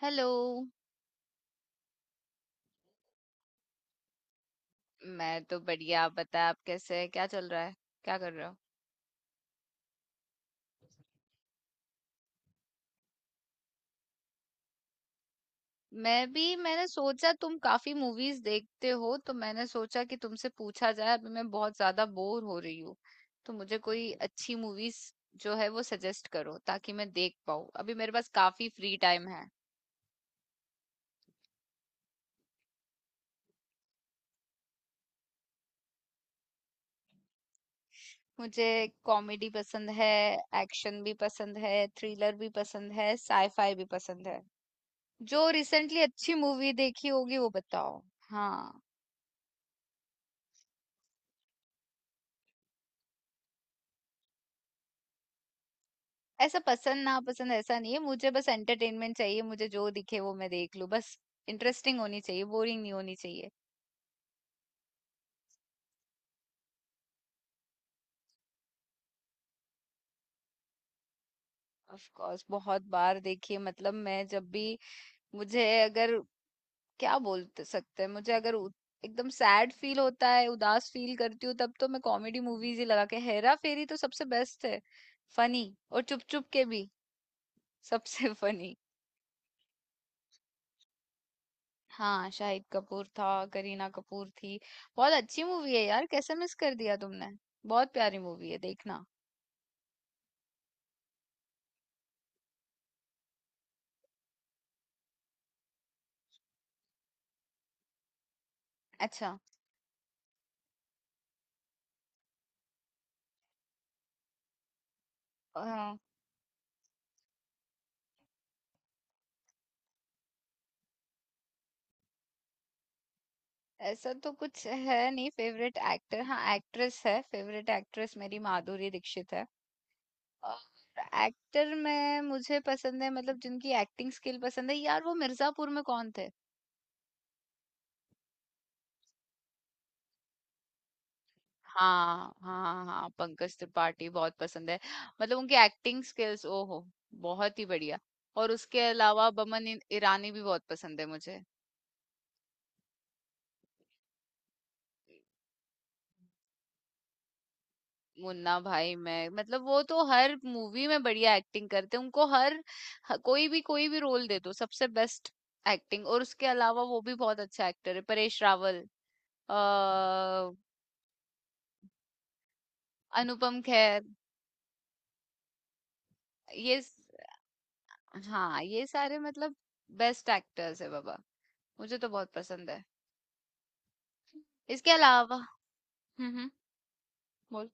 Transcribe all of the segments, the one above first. Hello. मैं तो बढ़िया। आप बताएं, आप कैसे हैं, क्या चल रहा है, क्या कर रहे हो? मैं भी, मैंने सोचा तुम काफी मूवीज देखते हो तो मैंने सोचा कि तुमसे पूछा जाए। अभी मैं बहुत ज्यादा बोर हो रही हूँ तो मुझे कोई अच्छी मूवीज जो है वो सजेस्ट करो ताकि मैं देख पाऊँ। अभी मेरे पास काफी फ्री टाइम है। मुझे कॉमेडी पसंद है, एक्शन भी पसंद है, थ्रिलर भी पसंद है, साईफाई भी पसंद है। जो रिसेंटली अच्छी मूवी देखी होगी वो बताओ। हाँ, ऐसा पसंद नापसंद ऐसा नहीं है, मुझे बस एंटरटेनमेंट चाहिए। मुझे जो दिखे वो मैं देख लूं बस। इंटरेस्टिंग होनी चाहिए, बोरिंग नहीं होनी चाहिए। ऑफ कोर्स, बहुत बार देखिए। मतलब मैं जब भी मुझे अगर क्या बोल सकते हैं, मुझे अगर एकदम सैड फील होता है, उदास फील करती हूँ तब तो मैं कॉमेडी मूवीज ही लगा के, हेरा फेरी तो सबसे बेस्ट है। फनी। और चुप चुप के भी सबसे फनी। हाँ, शाहिद कपूर था, करीना कपूर थी। बहुत अच्छी मूवी है यार, कैसे मिस कर दिया तुमने। बहुत प्यारी मूवी है, देखना। अच्छा। हाँ, ऐसा तो कुछ है नहीं फेवरेट एक्टर। हाँ, एक्ट्रेस है, फेवरेट एक्ट्रेस मेरी माधुरी दीक्षित है। और एक्टर में मुझे पसंद है, मतलब जिनकी एक्टिंग स्किल पसंद है यार, वो मिर्जापुर में कौन थे? हाँ, हाँ, हाँ, पंकज त्रिपाठी बहुत पसंद है। मतलब उनकी एक्टिंग स्किल्स, ओहो, बहुत ही बढ़िया। और उसके अलावा बमन ईरानी भी बहुत पसंद है मुझे। मुन्ना भाई मैं मतलब वो तो हर मूवी में बढ़िया एक्टिंग करते हैं। उनको कोई भी रोल दे दो, सबसे बेस्ट एक्टिंग। और उसके अलावा वो भी बहुत अच्छा एक्टर है, परेश रावल, अ, अनुपम खेर, ये स- हाँ, ये सारे मतलब बेस्ट एक्टर्स है बाबा। मुझे तो बहुत पसंद है। इसके अलावा हम्म हम्म बोल।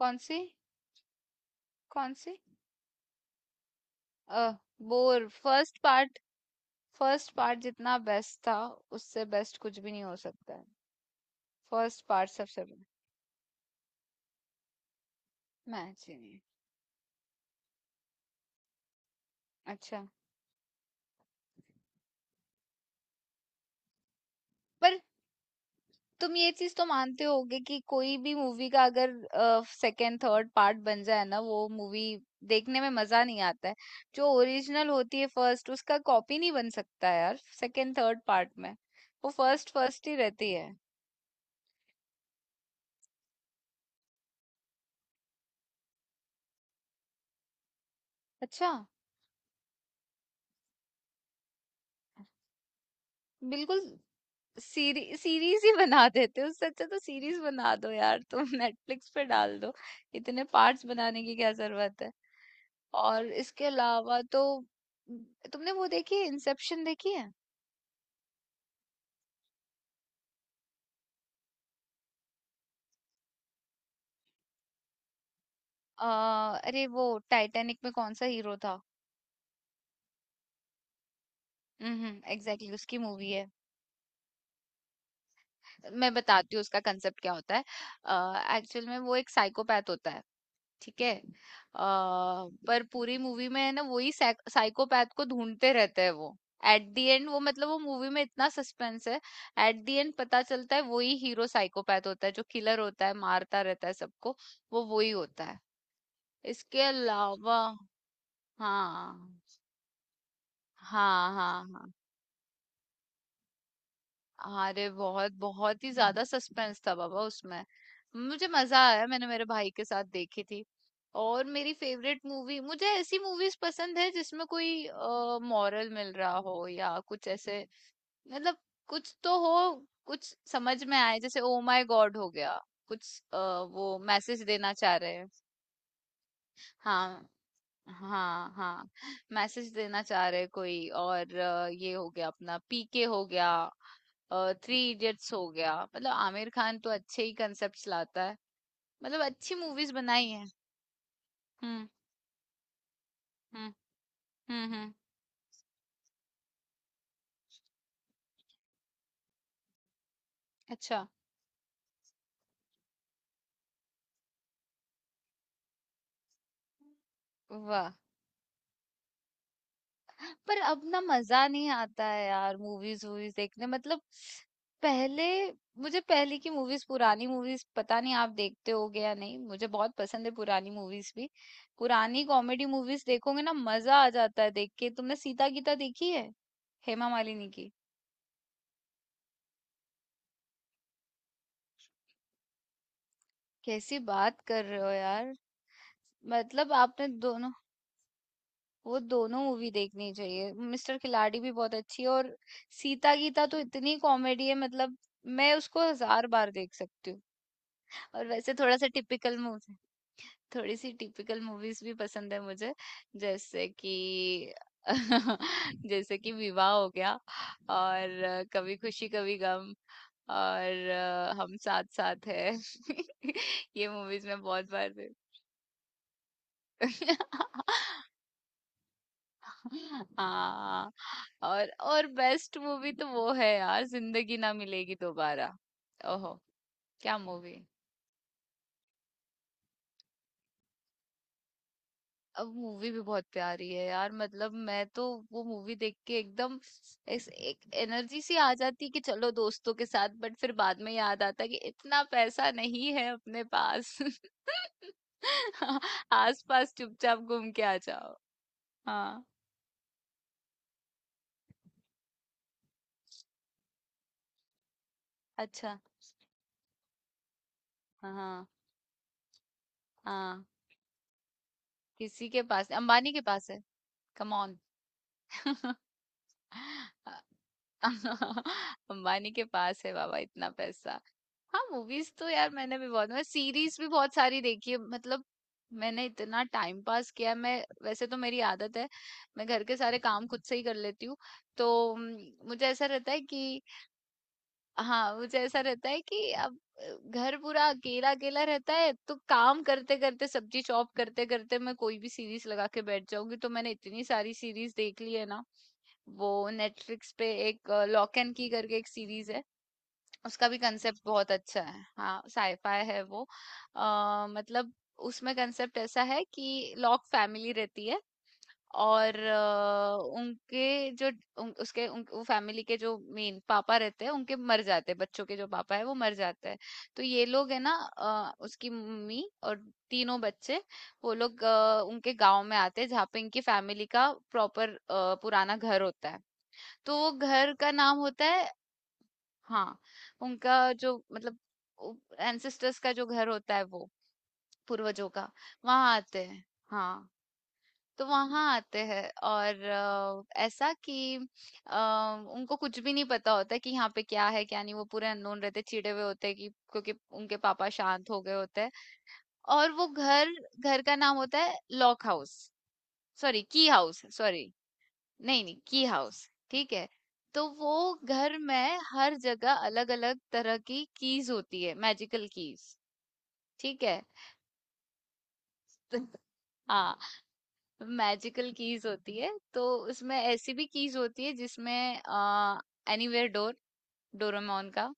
कौन सी? कौन सी? अ बोर। First part. फर्स्ट पार्ट जितना बेस्ट था उससे बेस्ट कुछ भी नहीं हो सकता है। फर्स्ट पार्ट सबसे, मैच ही नहीं। अच्छा। पर तुम ये चीज तो मानते होगे कि कोई भी मूवी का अगर सेकंड थर्ड पार्ट बन जाए ना, वो मूवी देखने में मजा नहीं आता है। जो ओरिजिनल होती है फर्स्ट, उसका कॉपी नहीं बन सकता है यार। सेकंड थर्ड पार्ट में वो फर्स्ट, फर्स्ट ही रहती है। अच्छा। बिल्कुल। सीरीज ही बना देते हो, उससे अच्छा तो सीरीज बना दो यार तुम। नेटफ्लिक्स पे डाल दो। इतने पार्ट्स बनाने की क्या जरूरत है? और इसके अलावा तो, तुमने वो देखी है इंसेप्शन देखी है? अ, अरे वो, टाइटैनिक में कौन सा हीरो था? हम्म, एग्जैक्टली। Exactly, उसकी मूवी है। मैं बताती हूँ उसका कंसेप्ट क्या होता है। एक्चुअल में वो एक साइकोपैथ होता है, ठीक है। पर पूरी मूवी में है ना, वही साइकोपैथ को ढूंढते रहते हैं वो। एट दी एंड वो मतलब वो मूवी में इतना सस्पेंस है, एट दी एंड पता चलता है वही हीरो साइकोपैथ होता है, जो किलर होता है, मारता रहता है सबको। वो वही होता है। इसके अलावा, हाँ, हाँ, हाँ, हाँ। अरे बहुत बहुत ही ज्यादा सस्पेंस था बाबा उसमें। मुझे मजा आया, मैंने मेरे भाई के साथ देखी थी। और मेरी फेवरेट मूवी, मुझे ऐसी मूवीज पसंद है जिसमें कोई मॉरल मिल रहा हो या कुछ ऐसे, मतलब कुछ तो हो, कुछ समझ में आए। जैसे ओ माय गॉड हो गया, कुछ वो मैसेज देना चाह रहे हैं। हाँ, हाँ, हाँ। मैसेज देना चाह रहे कोई और ये हो गया अपना पीके हो गया, थ्री इडियट्स हो गया, मतलब आमिर खान तो अच्छे ही कंसेप्ट्स लाता है, मतलब अच्छी मूवीज बनाई है। हम्म हम्म हम्म हम्म अच्छा। वाह। पर अब ना मजा नहीं आता है यार मूवीज वूवीज देखने, मतलब पहले, मुझे पहले की मूवीज, पुरानी मूवीज, पता नहीं आप देखते होगे या नहीं, मुझे बहुत पसंद है पुरानी मूवीज भी। पुरानी कॉमेडी मूवीज देखोगे ना, मजा आ जाता है देख के। तुमने सीता गीता देखी है, हेमा मालिनी की? कैसी बात कर रहे हो यार, मतलब आपने दोनों, वो दोनों मूवी देखनी चाहिए। मिस्टर खिलाड़ी भी बहुत अच्छी है और सीता गीता तो इतनी कॉमेडी है, मतलब मैं उसको हजार बार देख सकती हूँ। और वैसे थोड़ा सा टिपिकल मूवी, थोड़ी सी टिपिकल मूवीज भी पसंद है मुझे। जैसे कि जैसे कि विवाह हो गया, और कभी खुशी कभी गम, और हम साथ साथ है। ये मूवीज मैं बहुत बार देख। हाँ, और बेस्ट मूवी तो वो है यार, जिंदगी ना मिलेगी दोबारा। ओहो, क्या मूवी। अब मूवी भी बहुत प्यारी है यार, मतलब मैं तो, वो मूवी देख के एकदम, इस एक एनर्जी सी आ जाती है कि चलो दोस्तों के साथ, बट फिर बाद में याद आता है कि इतना पैसा नहीं है अपने पास। आसपास चुपचाप घूम के आ जाओ। हाँ। अच्छा। हाँ, हाँ। किसी के पास अंबानी के पास है, कम ऑन। अंबानी के पास है बाबा इतना पैसा। हाँ, मूवीज तो यार मैंने भी बहुत, मैं सीरीज भी बहुत सारी देखी है, मतलब मैंने इतना टाइम पास किया है। मैं वैसे तो, मेरी आदत है, मैं घर के सारे काम खुद से ही कर लेती हूँ तो मुझे ऐसा रहता है कि, हाँ, मुझे ऐसा रहता है कि अब घर पूरा अकेला अकेला रहता है, तो काम करते करते, सब्जी चॉप करते करते, मैं कोई भी सीरीज लगा के बैठ जाऊंगी, तो मैंने इतनी सारी सीरीज देख ली है ना। वो नेटफ्लिक्स पे एक लॉक एंड की करके एक सीरीज है, उसका भी कंसेप्ट बहुत अच्छा है। हाँ, साईफाई है वो। मतलब उसमें कंसेप्ट ऐसा है कि लॉक फैमिली रहती है, और उनके जो उन, उसके उन, वो फैमिली के जो मेन पापा रहते हैं उनके मर जाते हैं, बच्चों के जो पापा है वो मर जाते हैं। तो ये लोग है ना, उसकी मम्मी और तीनों बच्चे, वो लोग उनके गांव में आते हैं जहाँ पे इनकी फैमिली का प्रॉपर पुराना घर होता है। तो वो घर का नाम होता है, हाँ, उनका जो मतलब उ एंसेस्टर्स का जो घर होता है वो, पूर्वजों का, वहाँ आते हैं। हाँ, तो वहाँ आते हैं और ऐसा कि अ, उनको कुछ भी नहीं पता होता कि यहाँ पे क्या है, क्या नहीं। वो पूरे अननोन रहते, चिढ़े हुए होते हैं, कि क्योंकि उनके पापा शांत हो गए होते हैं। और वो घर, घर का नाम होता है lock house, sorry key house, sorry. नहीं, नहीं की हाउस ठीक है। तो वो घर में हर जगह अलग अलग तरह की कीज होती है, मैजिकल कीज, ठीक है। तो, हाँ, मैजिकल कीज होती है। तो उसमें ऐसी भी कीज होती है जिसमें एनीवेयर डोर, डोरेमोन का,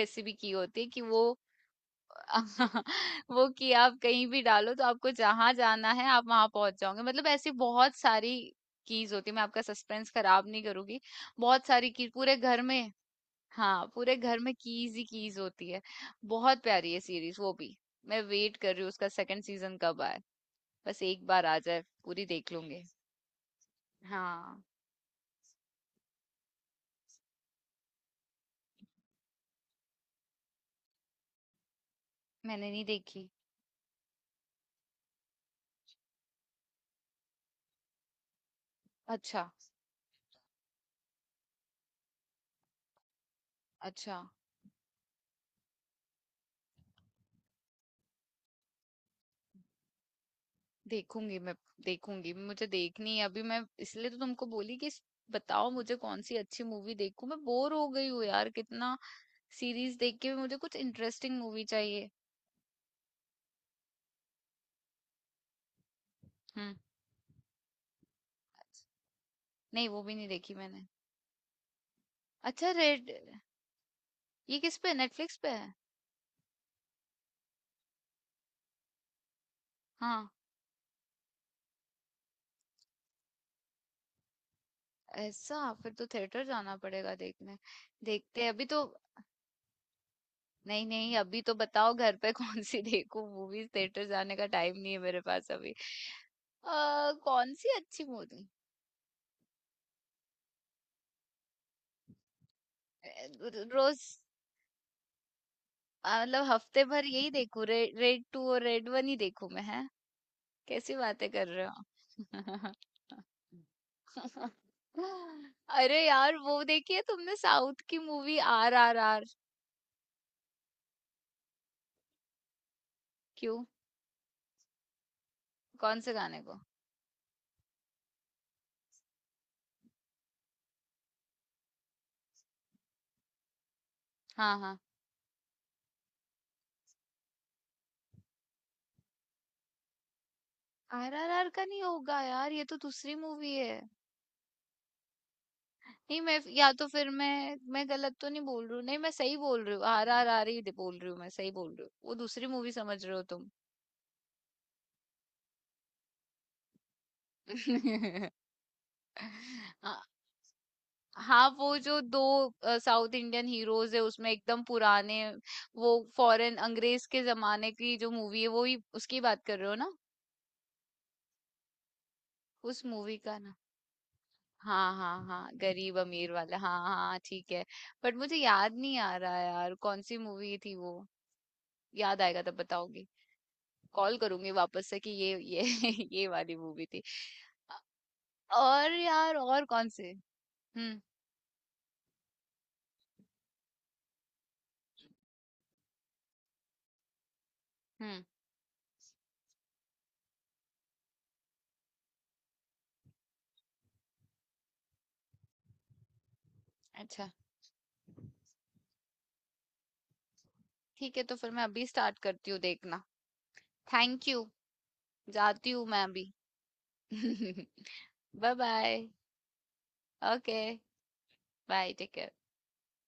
वैसी भी की होती है कि वो वो की आप कहीं भी डालो तो आपको जहां जाना है आप वहां पहुंच जाओगे। मतलब ऐसी बहुत सारी कीज होती है, मैं आपका सस्पेंस खराब नहीं करूंगी। बहुत सारी कीज पूरे घर में, हाँ, पूरे घर में कीज ही कीज होती है। बहुत प्यारी है सीरीज वो भी, मैं वेट कर रही हूँ उसका सेकंड सीजन कब आए। बस एक बार आ जाए, पूरी देख लूंगी। हाँ। मैंने नहीं देखी। अच्छा। अच्छा, देखूंगी मैं। देखूंगी, मुझे देखनी है। अभी मैं इसलिए तो तुमको बोली कि बताओ मुझे कौन सी अच्छी मूवी देखूं। मैं बोर हो गई हूँ यार, कितना सीरीज देख के भी मुझे कुछ इंटरेस्टिंग मूवी चाहिए। हम्म। नहीं, वो भी नहीं देखी मैंने। अच्छा रेड, ये किस पे, नेटफ्लिक्स पे है? हाँ, ऐसा फिर तो थिएटर जाना पड़ेगा देखने। देखते हैं अभी तो। नहीं नहीं, अभी तो बताओ घर पे कौन सी देखूं मूवीज। थिएटर जाने का टाइम नहीं है मेरे पास अभी। कौन सी अच्छी मूवी। रोज। मतलब हफ्ते भर यही देखूं रेड टू और रेड वन ही देखूं मैं है? कैसी बातें कर रहे हो? अरे यार, वो देखी है तुमने साउथ की मूवी आर आर आर? क्यों? कौन से गाने को? हाँ, हाँ, आरआरआर का नहीं होगा यार, ये तो दूसरी मूवी है। नहीं, मैं या तो फिर मैं गलत तो नहीं बोल रही हूँ, नहीं मैं सही बोल रही हूँ, आरआरआर ही बोल रही हूँ, मैं सही बोल रही हूँ। वो दूसरी मूवी, समझ रहे हो तुम? हाँ, हाँ, वो जो दो साउथ इंडियन हीरोज है उसमें, एकदम पुराने वो फॉरेन, अंग्रेज के जमाने की जो मूवी है, वो ही उसकी बात कर रहे हो ना? उस मूवी का ना, हाँ, हाँ, हाँ, गरीब अमीर वाला, हाँ, हाँ, हाँ, ठीक है। बट मुझे याद नहीं आ रहा यार कौन सी मूवी थी वो, याद आएगा तब बताऊंगी। कॉल करूंगी वापस से कि ये ये वाली मूवी थी। और यार और कौन से। हम्म, हम्म। अच्छा, ठीक है। तो फिर मैं अभी स्टार्ट करती हूँ देखना। Thank you. जाती हूँ मैं अभी। Bye bye. Okay, bye, take care.